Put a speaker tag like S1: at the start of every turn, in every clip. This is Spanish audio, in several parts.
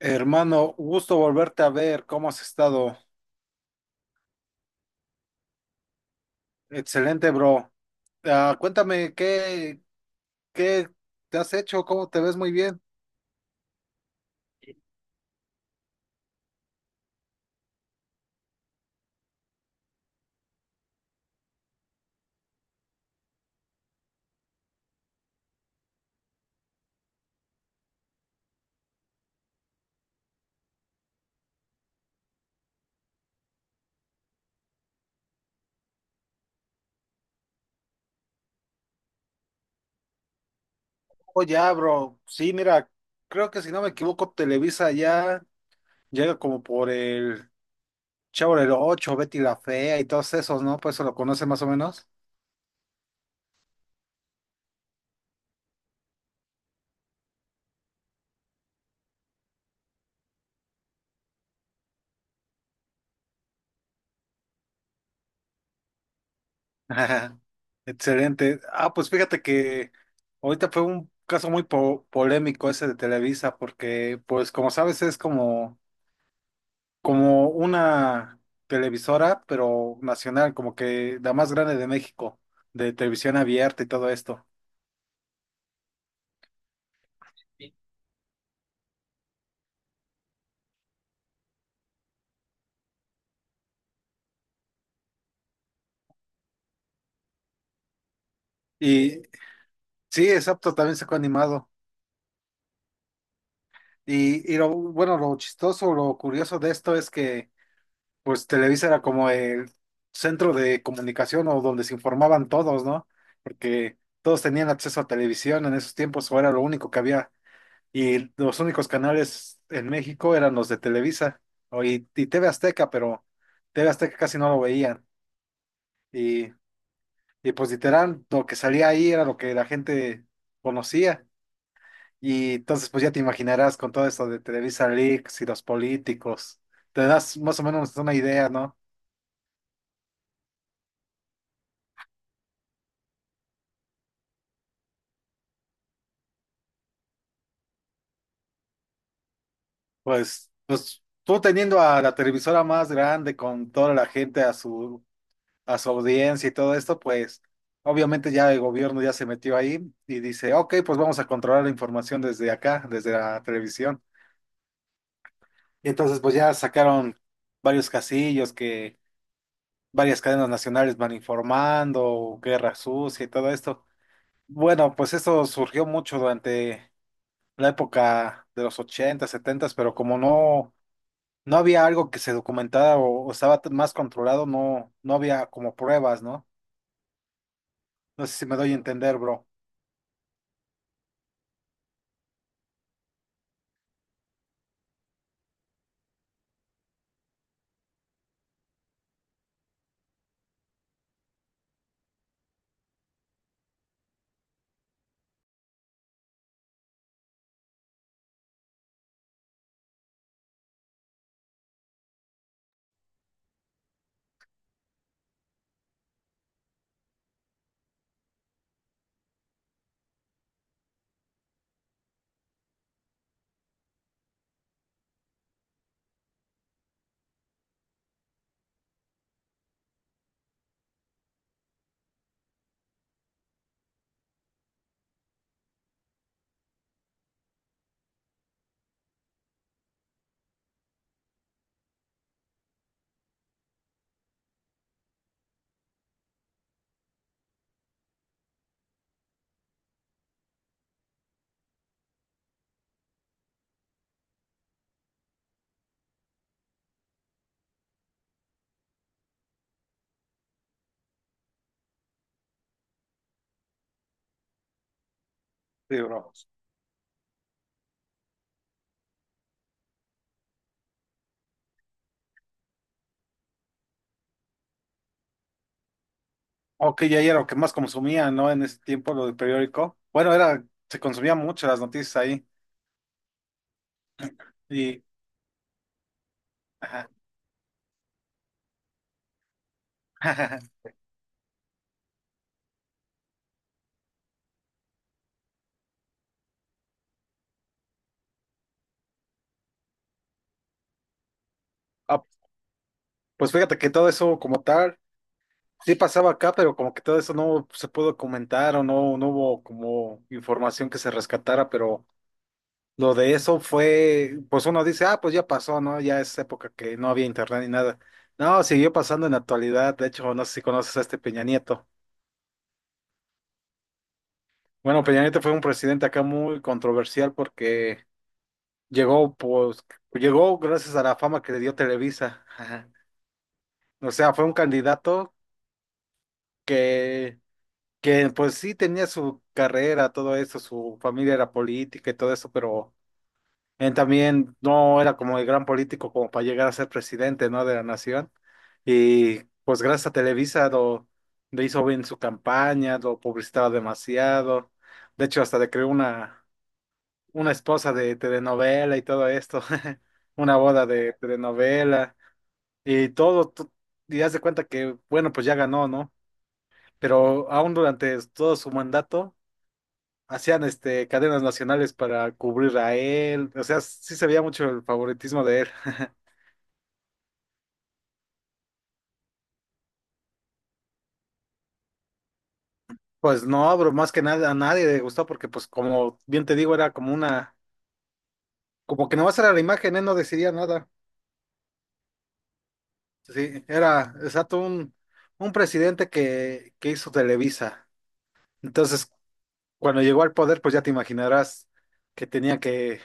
S1: Hermano, gusto volverte a ver. ¿Cómo has estado? Excelente, bro. Cuéntame, ¿qué te has hecho? ¿Cómo te ves muy bien? Oh, ya, bro. Sí, mira, creo que si no me equivoco, Televisa ya llega como por el Chavo del ocho, Betty la Fea y todos esos, ¿no? Pues eso lo conoce más o menos. Excelente. Pues fíjate que ahorita fue un caso muy polémico ese de Televisa, porque, pues, como sabes, es como una televisora, pero nacional, como que la más grande de México, de televisión abierta y todo esto. Y sí, exacto, también sacó animado. Y lo bueno, lo chistoso, lo curioso de esto es que, pues, Televisa era como el centro de comunicación o donde se informaban todos, ¿no? Porque todos tenían acceso a televisión en esos tiempos, o era lo único que había. Y los únicos canales en México eran los de Televisa y TV Azteca, pero TV Azteca casi no lo veían. Y, y pues literal, lo que salía ahí era lo que la gente conocía. Y entonces pues ya te imaginarás con todo esto de Televisa Leaks y los políticos. Te das más o menos una idea, ¿no? Pues tú teniendo a la televisora más grande con toda la gente a su audiencia y todo esto, pues obviamente ya el gobierno ya se metió ahí y dice, ok, pues vamos a controlar la información desde acá, desde la televisión. Y entonces pues ya sacaron varios casillos que varias cadenas nacionales van informando, guerra sucia y todo esto. Bueno, pues esto surgió mucho durante la época de los ochenta, 70, pero como no había algo que se documentara o estaba más controlado, no, no había como pruebas, ¿no? No sé si me doy a entender, bro. Sí, bro. Oh, ok, ya era lo que más consumía, ¿no? En ese tiempo, lo del periódico. Bueno, era, se consumía mucho las noticias ahí. Y, ajá. Ah, pues fíjate que todo eso como tal, sí pasaba acá, pero como que todo eso no se pudo comentar o no, no hubo como información que se rescatara, pero lo de eso fue, pues uno dice, ah, pues ya pasó, ¿no? Ya es época que no había internet ni nada. No, siguió pasando en la actualidad. De hecho, no sé si conoces a este Peña Nieto. Bueno, Peña Nieto fue un presidente acá muy controversial porque llegó, pues, llegó gracias a la fama que le dio Televisa. Ajá. O sea, fue un candidato que, que pues sí tenía su carrera, todo eso, su familia era política y todo eso, pero él también no era como el gran político como para llegar a ser presidente, ¿no? De la nación. Y pues gracias a Televisa le hizo bien su campaña, lo publicitaba demasiado. De hecho, hasta le creó una esposa de telenovela y todo esto, una boda de telenovela. Y todo, tú, y haz de cuenta que, bueno, pues ya ganó, ¿no? Pero aún durante todo su mandato, hacían este, cadenas nacionales para cubrir a él. O sea, sí se veía mucho el favoritismo de él. Pues no, bro, más que nada a nadie le gustó porque, pues, como bien te digo, era como que nomás era la imagen, él no decidía nada. Sí, era exacto un presidente que hizo Televisa. Entonces, cuando llegó al poder, pues ya te imaginarás que tenía que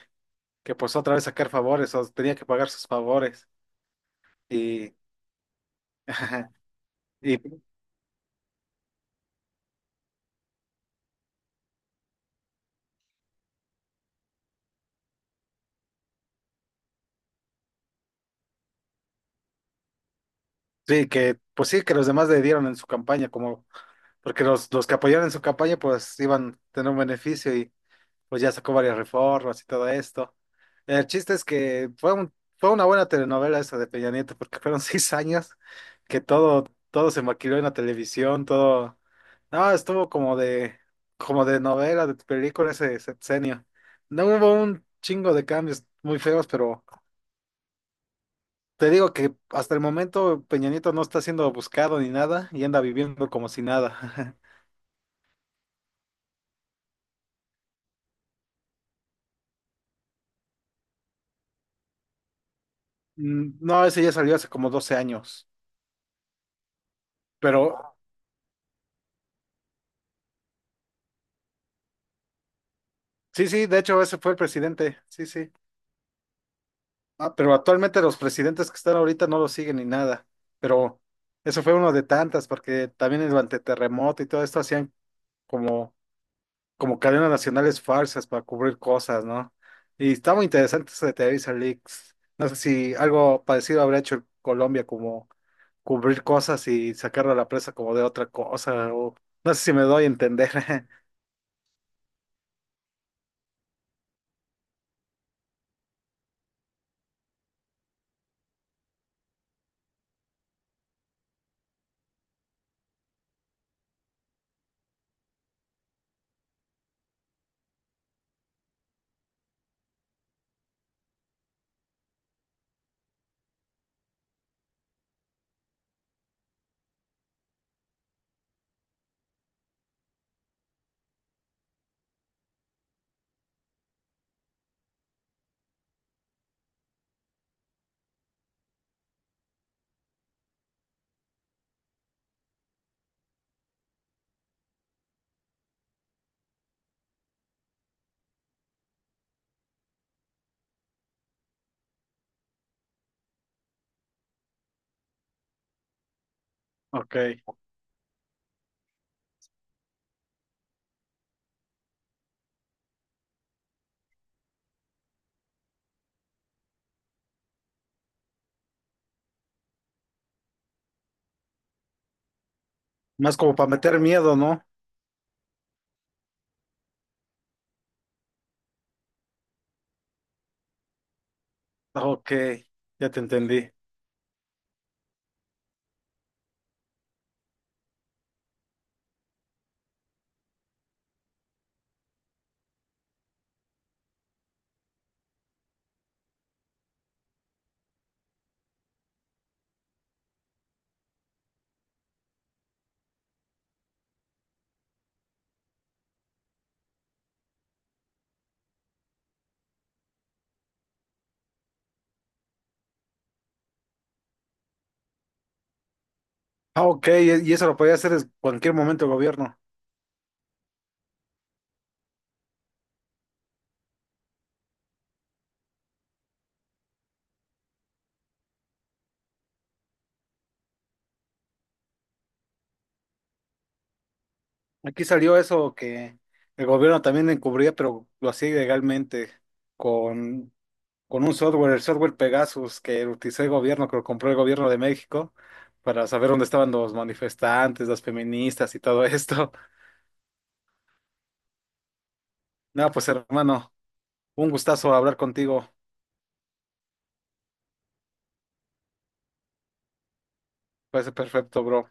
S1: que pues otra vez sacar favores o tenía que pagar sus favores. Y, y sí, que pues sí, que los demás le dieron en su campaña, como porque los que apoyaron en su campaña pues iban a tener un beneficio, pues ya sacó varias reformas y todo esto. El chiste es que fue una buena telenovela esa de Peña Nieto, porque fueron 6 años que todo se maquiló en la televisión, todo, no, estuvo como de novela, de película ese sexenio. No hubo un chingo de cambios muy feos, pero te digo que hasta el momento Peña Nieto no está siendo buscado ni nada y anda viviendo como si nada. Mm, no, ese ya salió hace como 12 años. Pero sí, sí, de hecho ese fue el presidente, sí, sí. Ah, pero actualmente los presidentes que están ahorita no lo siguen ni nada, pero eso fue uno de tantas, porque también durante terremoto y todo esto hacían como, como cadenas nacionales falsas para cubrir cosas, ¿no? Y está muy interesante eso de Televisa Leaks. No sé si algo parecido habrá hecho Colombia, como cubrir cosas y sacarlo a la presa como de otra cosa, o no sé si me doy a entender. Ok, más como para meter miedo, ¿no? Ok, ya te entendí. Ah, ok, y eso lo podía hacer en cualquier momento el gobierno. Aquí salió eso que el gobierno también encubría, pero lo hacía ilegalmente con, con un software, el software Pegasus, que lo utilizó el gobierno, que lo compró el gobierno de México, para saber dónde estaban los manifestantes, las feministas y todo esto. Nada, pues hermano, un gustazo hablar contigo. Parece perfecto, bro.